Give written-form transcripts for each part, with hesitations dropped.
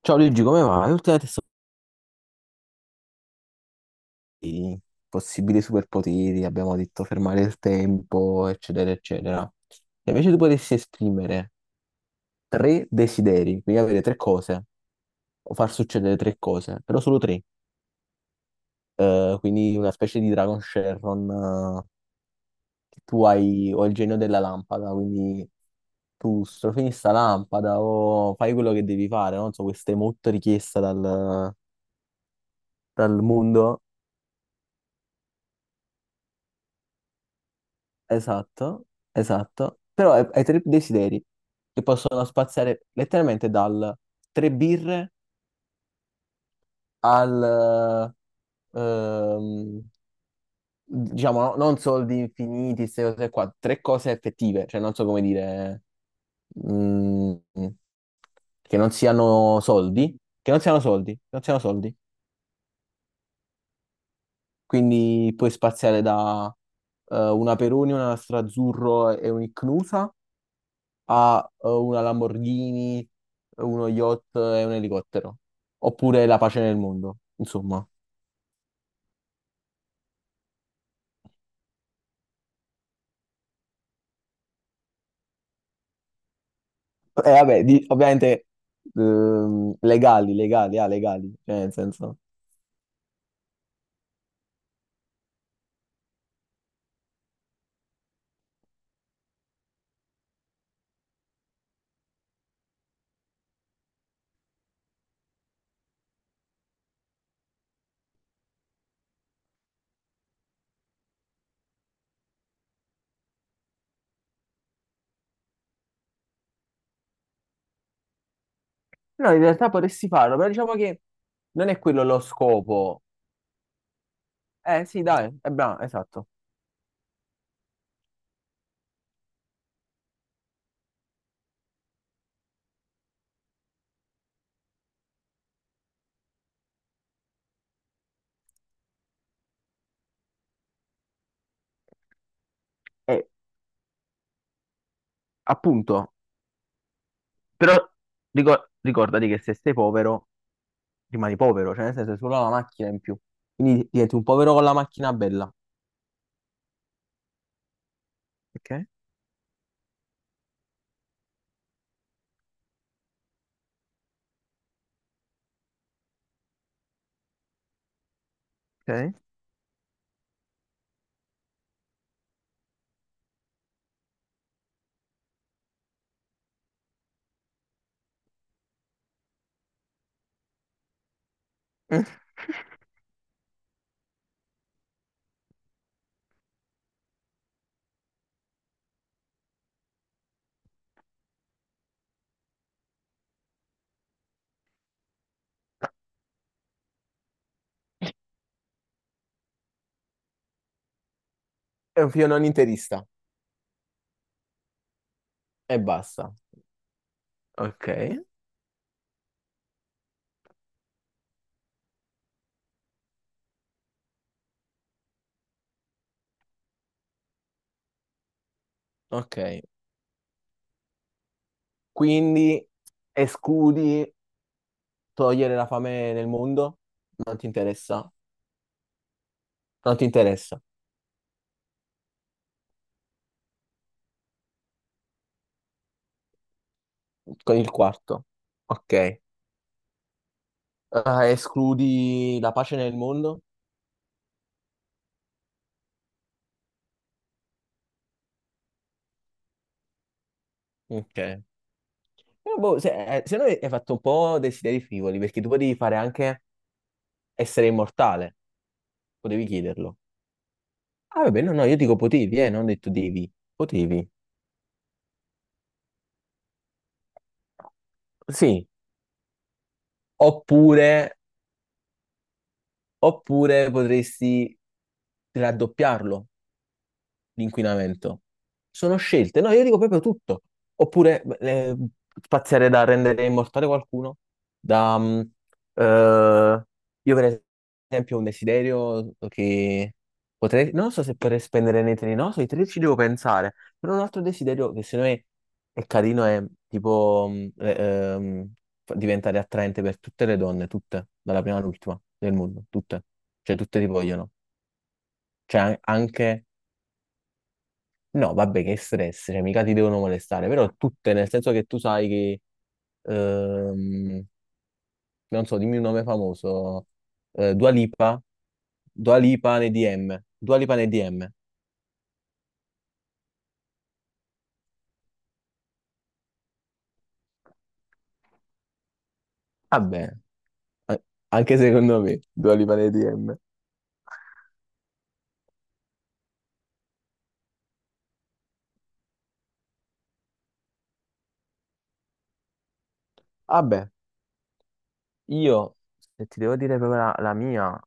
Ciao Luigi, come va? Ultimamente sto i possibili superpoteri, abbiamo detto fermare il tempo, eccetera, eccetera. E invece tu potessi esprimere tre desideri, quindi avere tre cose, o far succedere tre cose, però solo tre. Quindi una specie di Dragon Sharon, che tu hai, o il genio della lampada, quindi tu strofini sta lampada o fai quello che devi fare, no? Non so, questa è molto richiesta dal, dal mondo. Esatto, esatto. Però hai tre desideri che possono spaziare letteralmente dal tre birre al, ehm, diciamo, non soldi infiniti, queste cose qua, tre cose effettive, cioè non so come dire, mm, che non siano soldi, che non siano soldi, che non siano soldi. Quindi puoi spaziare da una Peroni, una Strazzurro e un'Icnusa ha una Lamborghini, uno yacht e un elicottero. Oppure la pace nel mondo, insomma. E vabbè, ovviamente legali, legali, ah, legali, cioè nel senso... No, in realtà potresti farlo, però diciamo che non è quello lo scopo. Eh sì, dai, è bravo, esatto. Eh, appunto, però ricordati che se sei povero, rimani povero, cioè nel senso è solo la macchina in più. Quindi diventi un povero con la macchina bella. Ok, ok. È un film non interista e basta. Ok. Ok. Quindi escludi togliere la fame nel mondo? Non ti interessa? Non ti interessa. Con il quarto. Ok. Escludi la pace nel mondo? Ok. Boh, se no hai fatto un po' desideri frivoli, perché tu potevi fare anche essere immortale. Potevi chiederlo. Ah, vabbè, no, no, io dico potevi, non ho detto devi. Potevi. Sì. Oppure, oppure potresti raddoppiarlo l'inquinamento. Sono scelte, no, io dico proprio tutto. Oppure spaziare da rendere immortale qualcuno, da... eh, io per esempio ho un desiderio che potrei, non so se potrei spendere nei treni, no, sui treni ci devo pensare, però un altro desiderio che secondo me è carino è tipo ehm, diventare attraente per tutte le donne, tutte, dalla prima all'ultima del mondo, tutte, cioè tutte ti vogliono, cioè anche. No, vabbè, che stress, cioè mica ti devono molestare, però tutte, nel senso che tu sai che, ehm, non so, dimmi un nome famoso, Dua Lipa, Dua Lipa nei DM, Dua Lipa nei DM. Vabbè, a- anche secondo me, Dua Lipa nei DM. Vabbè, io, se ti devo dire proprio la mia,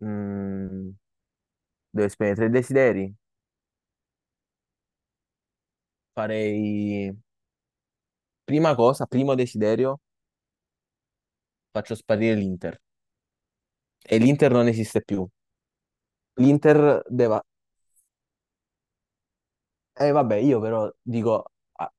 mm, devo esprimere tre desideri, farei, prima cosa, primo desiderio, faccio sparire l'Inter, e l'Inter non esiste più. L'Inter deve, eh, vabbè, io però dico, ah,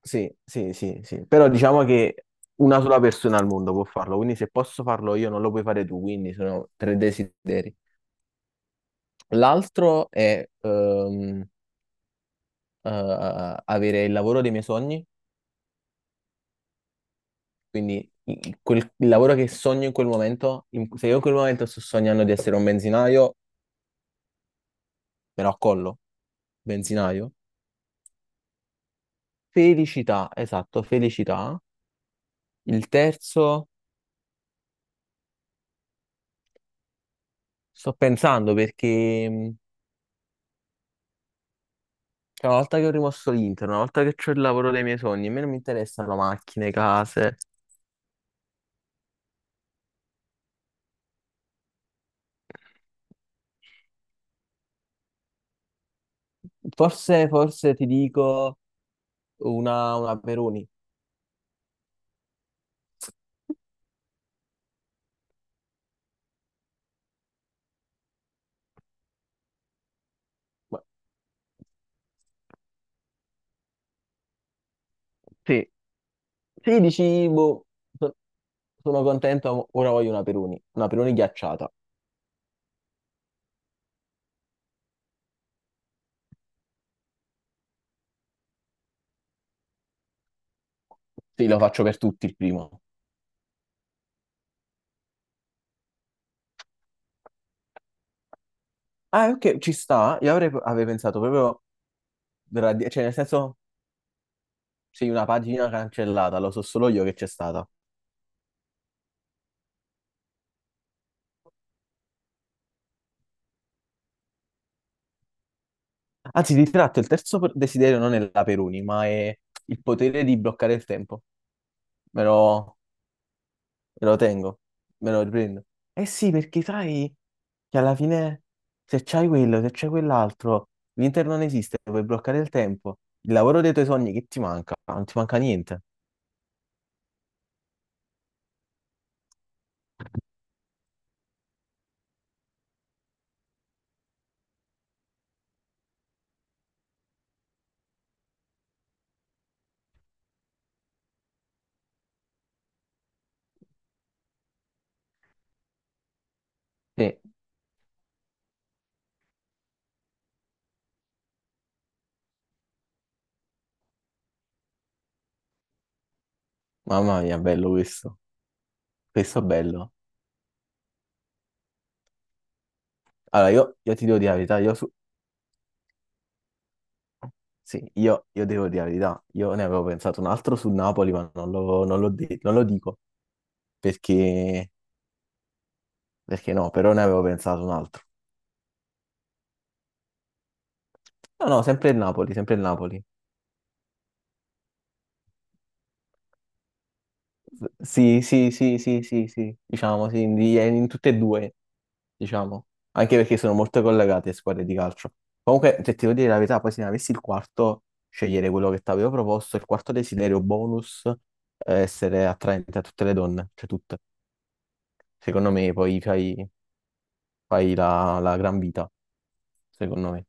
sì, sì, sì, sì, però diciamo che una sola persona al mondo può farlo, quindi se posso farlo io non lo puoi fare tu, quindi sono tre desideri. L'altro è avere il lavoro dei miei sogni, quindi il lavoro che sogno in quel momento, se io in quel momento sto sognando di essere un benzinaio, me lo accollo, benzinaio. Felicità, esatto, felicità. Il terzo, sto pensando perché... Cioè, una volta che ho rimosso l'Inter, una volta che ho il lavoro dei miei sogni, a me non mi interessano macchine, case. Forse, forse ti dico una Peroni. Ma- Sì, sì, dici, boh, so- sono contento, ora voglio una Peroni ghiacciata. Sì, lo faccio per tutti il primo. Ah, ok, ci sta. Io avrei pensato proprio, cioè nel senso, sì, una pagina cancellata, lo so solo io che c'è stata. Anzi, di tratto, il terzo desiderio non è la Peruni, ma è il potere di bloccare il tempo. Me lo, me lo tengo, me lo riprendo. Eh sì, perché sai che alla fine se c'hai quello, se c'hai quell'altro, l'Inter non esiste, puoi bloccare il tempo. Il lavoro dei tuoi sogni, che ti manca? Non ti manca niente. Sì, mamma mia, bello questo. Questo è bello. Allora, io ti devo dire la verità, io su... Sì, io devo dire la verità. Io ne avevo pensato un altro sul Napoli, ma non lo, non l'ho de- non lo dico perché perché no, però ne avevo pensato un altro. No, no, sempre il Napoli, sempre il Napoli. Sì, sì, sì, sì, sì, sì, diciamo, sì, in tutte e due, diciamo. Anche perché sono molto collegate le squadre di calcio. Comunque, se ti devo dire la verità, poi se ne avessi il quarto, scegliere quello che ti avevo proposto, il quarto desiderio bonus, essere attraente a tutte le donne, cioè tutte. Secondo me poi fai, fai la gran vita, secondo me.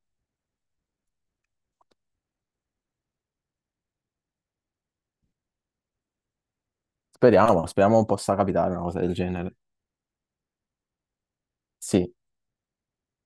Speriamo, speriamo possa capitare una cosa del genere. Sì,